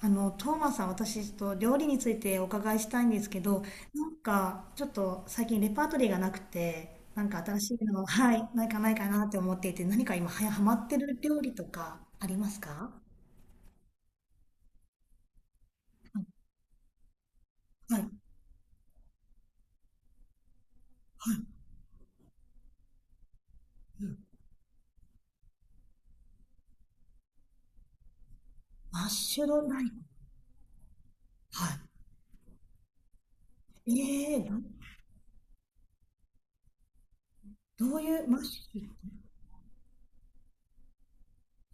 あの、トーマスさん、私、ちょっと料理についてお伺いしたいんですけど、なんか、ちょっと最近レパートリーがなくて、なんか新しいの、はい、ないかなって思っていて、何か今、ハマってる料理とかありますか？はい。マッシュドライン。はい。ええー、ど、どういう、マッシュ、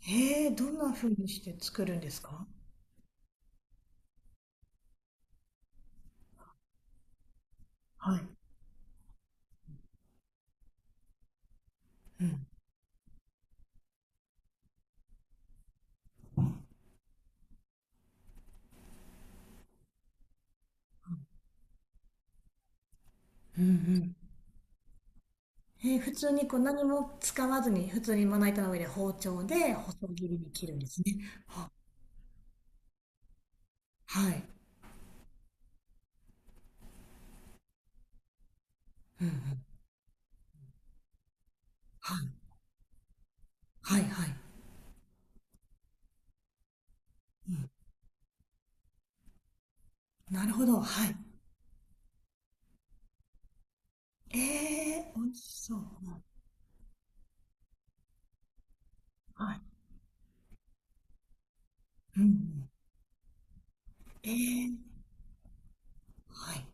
ええー、どんな風にして作るんですか？はい。うん。うんうん。えー、普通にこう何も使わずに、普通にまな板の上で包丁で細切りに切るんですね。は、はい。はいはい。なるほど、はい。えー、美味しそう。はい。うん。えー。はい。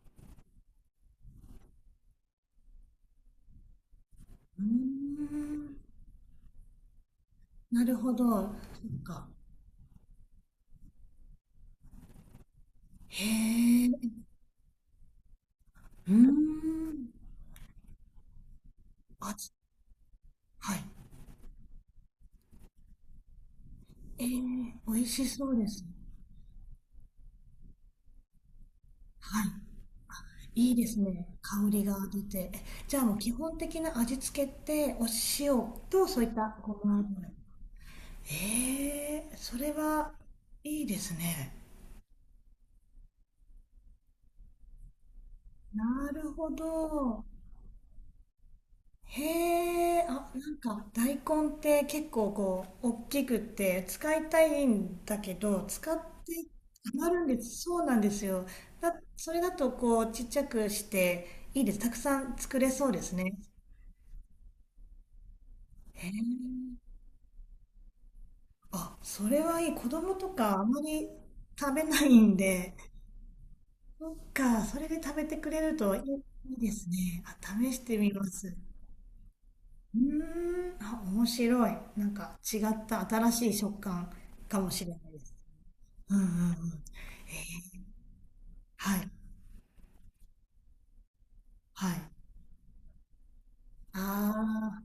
うーん、なるほど、そっか。へえ。うーん。あ、はい。えー、美味しそうです。はい。いいですね、香りが出て。え、じゃあもう基本的な味付けって、お塩とそういったごま油。ええ、それはいいですね。なるほど。へえ、あ、なんか大根って結構こう、大きくって使いたいんだけど、使って余るんです。そうなんですよ。だ、それだとこう、ちっちゃくしていいです。たくさん作れそうですね。へえ。あ、それはいい。子供とかあんまり食べないんで、そっか、それで食べてくれるといい、いいですね。あ、試してみます。うーん、あ、面白い。なんか違った新しい食感かもしれないです。うんうんうん。はい。はい。ああ。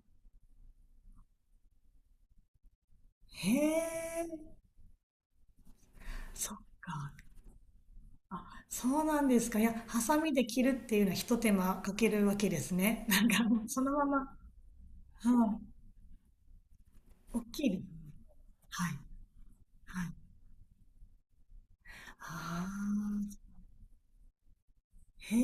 へえ。そっか。あ、そうなんですか。いや、ハサミで切るっていうのは一手間かけるわけですね。なんか、そのまま、はい、大きいです。はい。はい。ああ。へ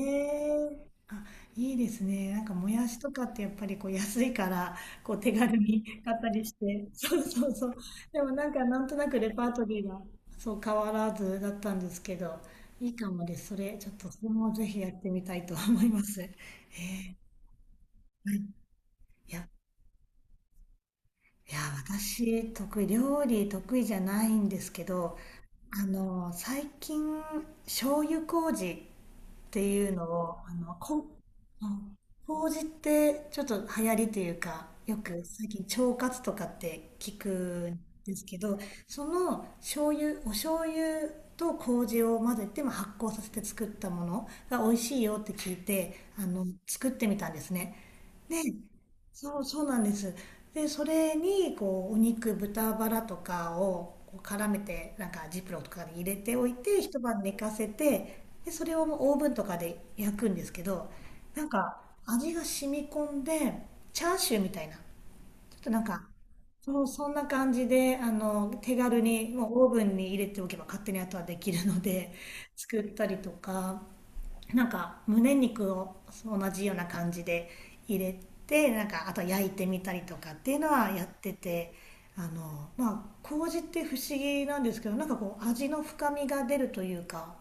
え。あ、いいですね。なんかもやしとかってやっぱりこう安いからこう手軽に買ったりして、そうそうそう。でもなんかなんとなくレパートリーがそう変わらずだったんですけど、いいかもです。それもぜひやってみたいと思います。へえ。はい。いや、いや、私得意じゃないんですけど、あの最近醤油麹っていうのを、あの、こん、うん、麹ってちょっと流行りというか、よく最近腸活とかって聞くんですけど、その醤油、お醤油と麹を混ぜて、まあ、発酵させて作ったものが美味しいよって聞いて、あの、作ってみたんですね。そうそうなんです。でそれにこうお肉豚バラとかをこう絡めて、なんかジップロックとかに入れておいて、一晩寝かせて、でそれをオーブンとかで焼くんですけど、なんか味が染み込んでチャーシューみたいな、ちょっとなんか、そうそんな感じで、あの、手軽にもうオーブンに入れておけば勝手に後はできるので作ったりとか、なんか胸肉を同じような感じで入れて、なんかあと焼いてみたりとかっていうのはやってて、あの、まあ、麹って不思議なんですけど、なんかこう味の深みが出るというか、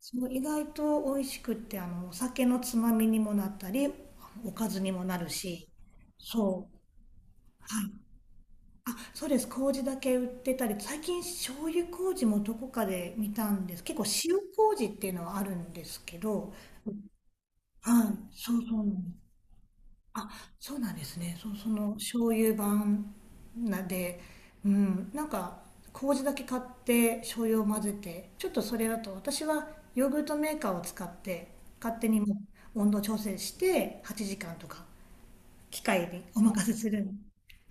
その意外と美味しくって、あの、お酒のつまみにもなったり、おかずにもなるし、そう、はい。あ、そうです。麹だけ売ってたり、最近醤油麹もどこかで見たんです。結構塩麹っていうのはあるんですけど、はい、そうそうなんです。あ、そうなんですね。そう、その醤油版なで、うん、なんか麹だけ買って醤油を混ぜて、ちょっとそれだと私はヨーグルトメーカーを使って勝手にもう温度調整して8時間とか機械にお任せする。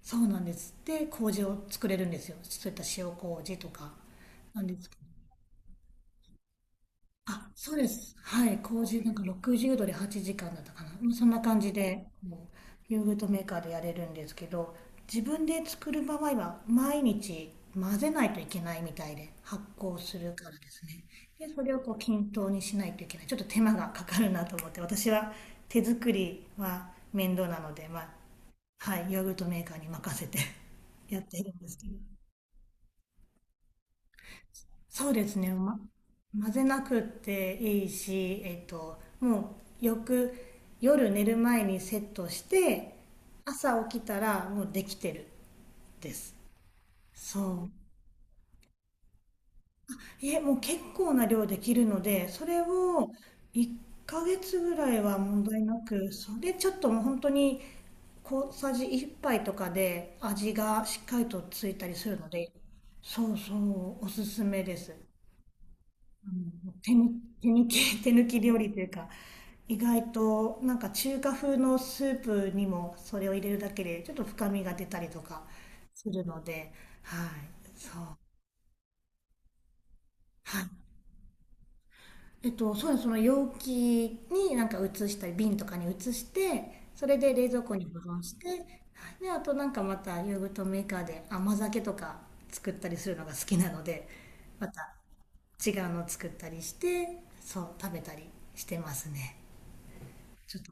そうなんです。で、麹を作れるんですよ。そういった塩麹とかなんです。あ、そうです。はい。麹、なんか60度で8時間だったかな。うん、そんな感じで、こうヨーグルトメーカーでやれるんですけど、自分で作る場合は、毎日混ぜないといけないみたいで、発酵するからですね。で、それをこう均等にしないといけない。ちょっと手間がかかるなと思って、私は手作りは面倒なので、まあ、はい、ヨーグルトメーカーに任せて やっているんですけど。そうですね、ま、混ぜなくていいし、えっと、もうよく夜寝る前にセットして朝起きたらもうできてるです。そう、いえ、もう結構な量できるので、それを1ヶ月ぐらいは問題なく、それちょっともう本当に小さじ1杯とかで味がしっかりとついたりするので、そうそう、おすすめです。あの、手抜き、手抜き料理というか、意外となんか中華風のスープにもそれを入れるだけでちょっと深みが出たりとかするので、はい、そう。はい。えっと、そうです。その容器になんか移したり、瓶とかに移して、それで冷蔵庫に保存して、はい、で、あと、なんかまたヨーグルトメーカーで甘酒とか作ったりするのが好きなので、また違うの作ったりして、そう、食べたりしてますね。ちょっと、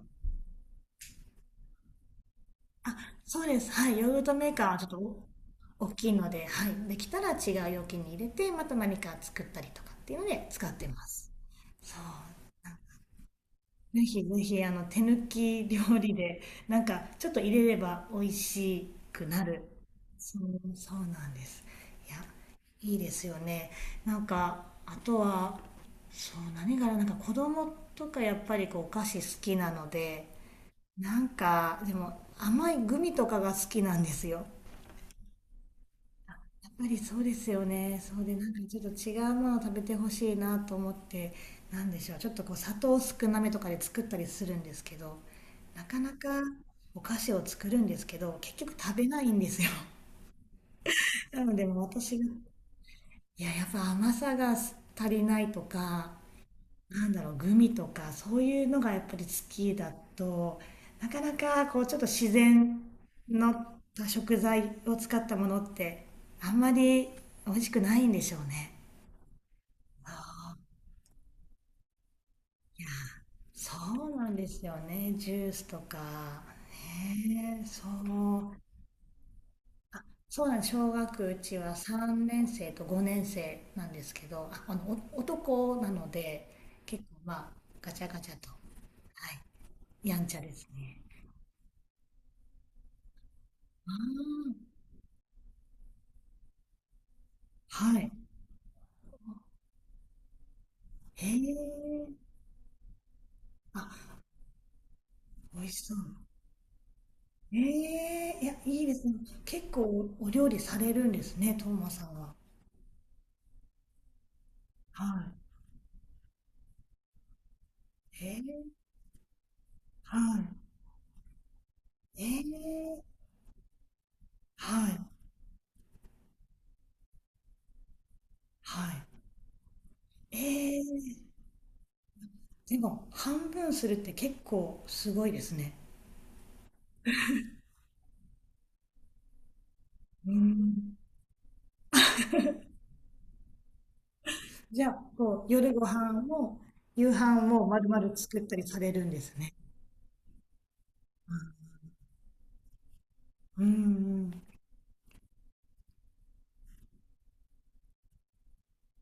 あ、そうです。はい。ヨーグルトメーカーはちょっとお大きいので、はい。できたら違う容器に入れて、また何か作ったりとかっていうので使ってます。そう。ぜひぜひ、あの、手抜き料理で、なんか、ちょっと入れれば美味しくなる。そう、そうなんです。いや、いいですよね。なんか、あとは、そう、何からなんか子供とかやっぱりこうお菓子好きなので、なんか、でも甘いグミとかが好きなんですよ。やっぱりそうですよね。そうで、なんかちょっと違うものを食べてほしいなと思って、なんでしょう。ちょっとこう砂糖少なめとかで作ったりするんですけど、なかなかお菓子を作るんですけど、結局食べないんですよ。なのでもう私が、いや、やっぱ甘さが足りないとか、なんだろう、グミとか、そういうのがやっぱり好きだと、なかなかこうちょっと自然の食材を使ったものって、あんまり美味しくないんでしょうね。あー、いや、そうなんですよね。ジュースとか。ねえ、そう。そうなんです。うちは3年生と5年生なんですけど、あ、あの、お男なので、結構まあ、ガチャガチャと、はい、やんちゃですね。ああ、はい。へえ。あ、美味しそう。ええ、いや、いいですね。結構お料理されるんですね、トーマさんは。はい。ええ、はい。ええ、はい。はい。ええ、でも、半分するって結構すごいですね。うん。じゃあ、こう、夜ご飯も、夕飯も丸々作ったりされるんですね。うんうん。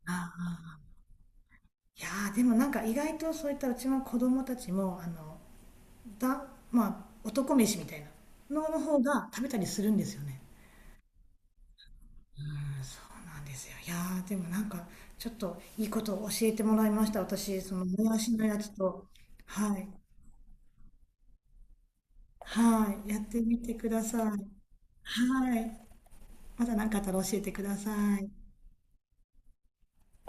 ああ。いやー、でもなんか意外とそういったうちの子供たちも、あの、だ、まあ、男飯みたいなのの方が食べたりするんですよね。うん、そうなんですよ。いやー、でもなんか、ちょっといいことを教えてもらいました。私、その、もやしのやつと、はい。はい、やってみてください。はい、また何かあったら教えてください。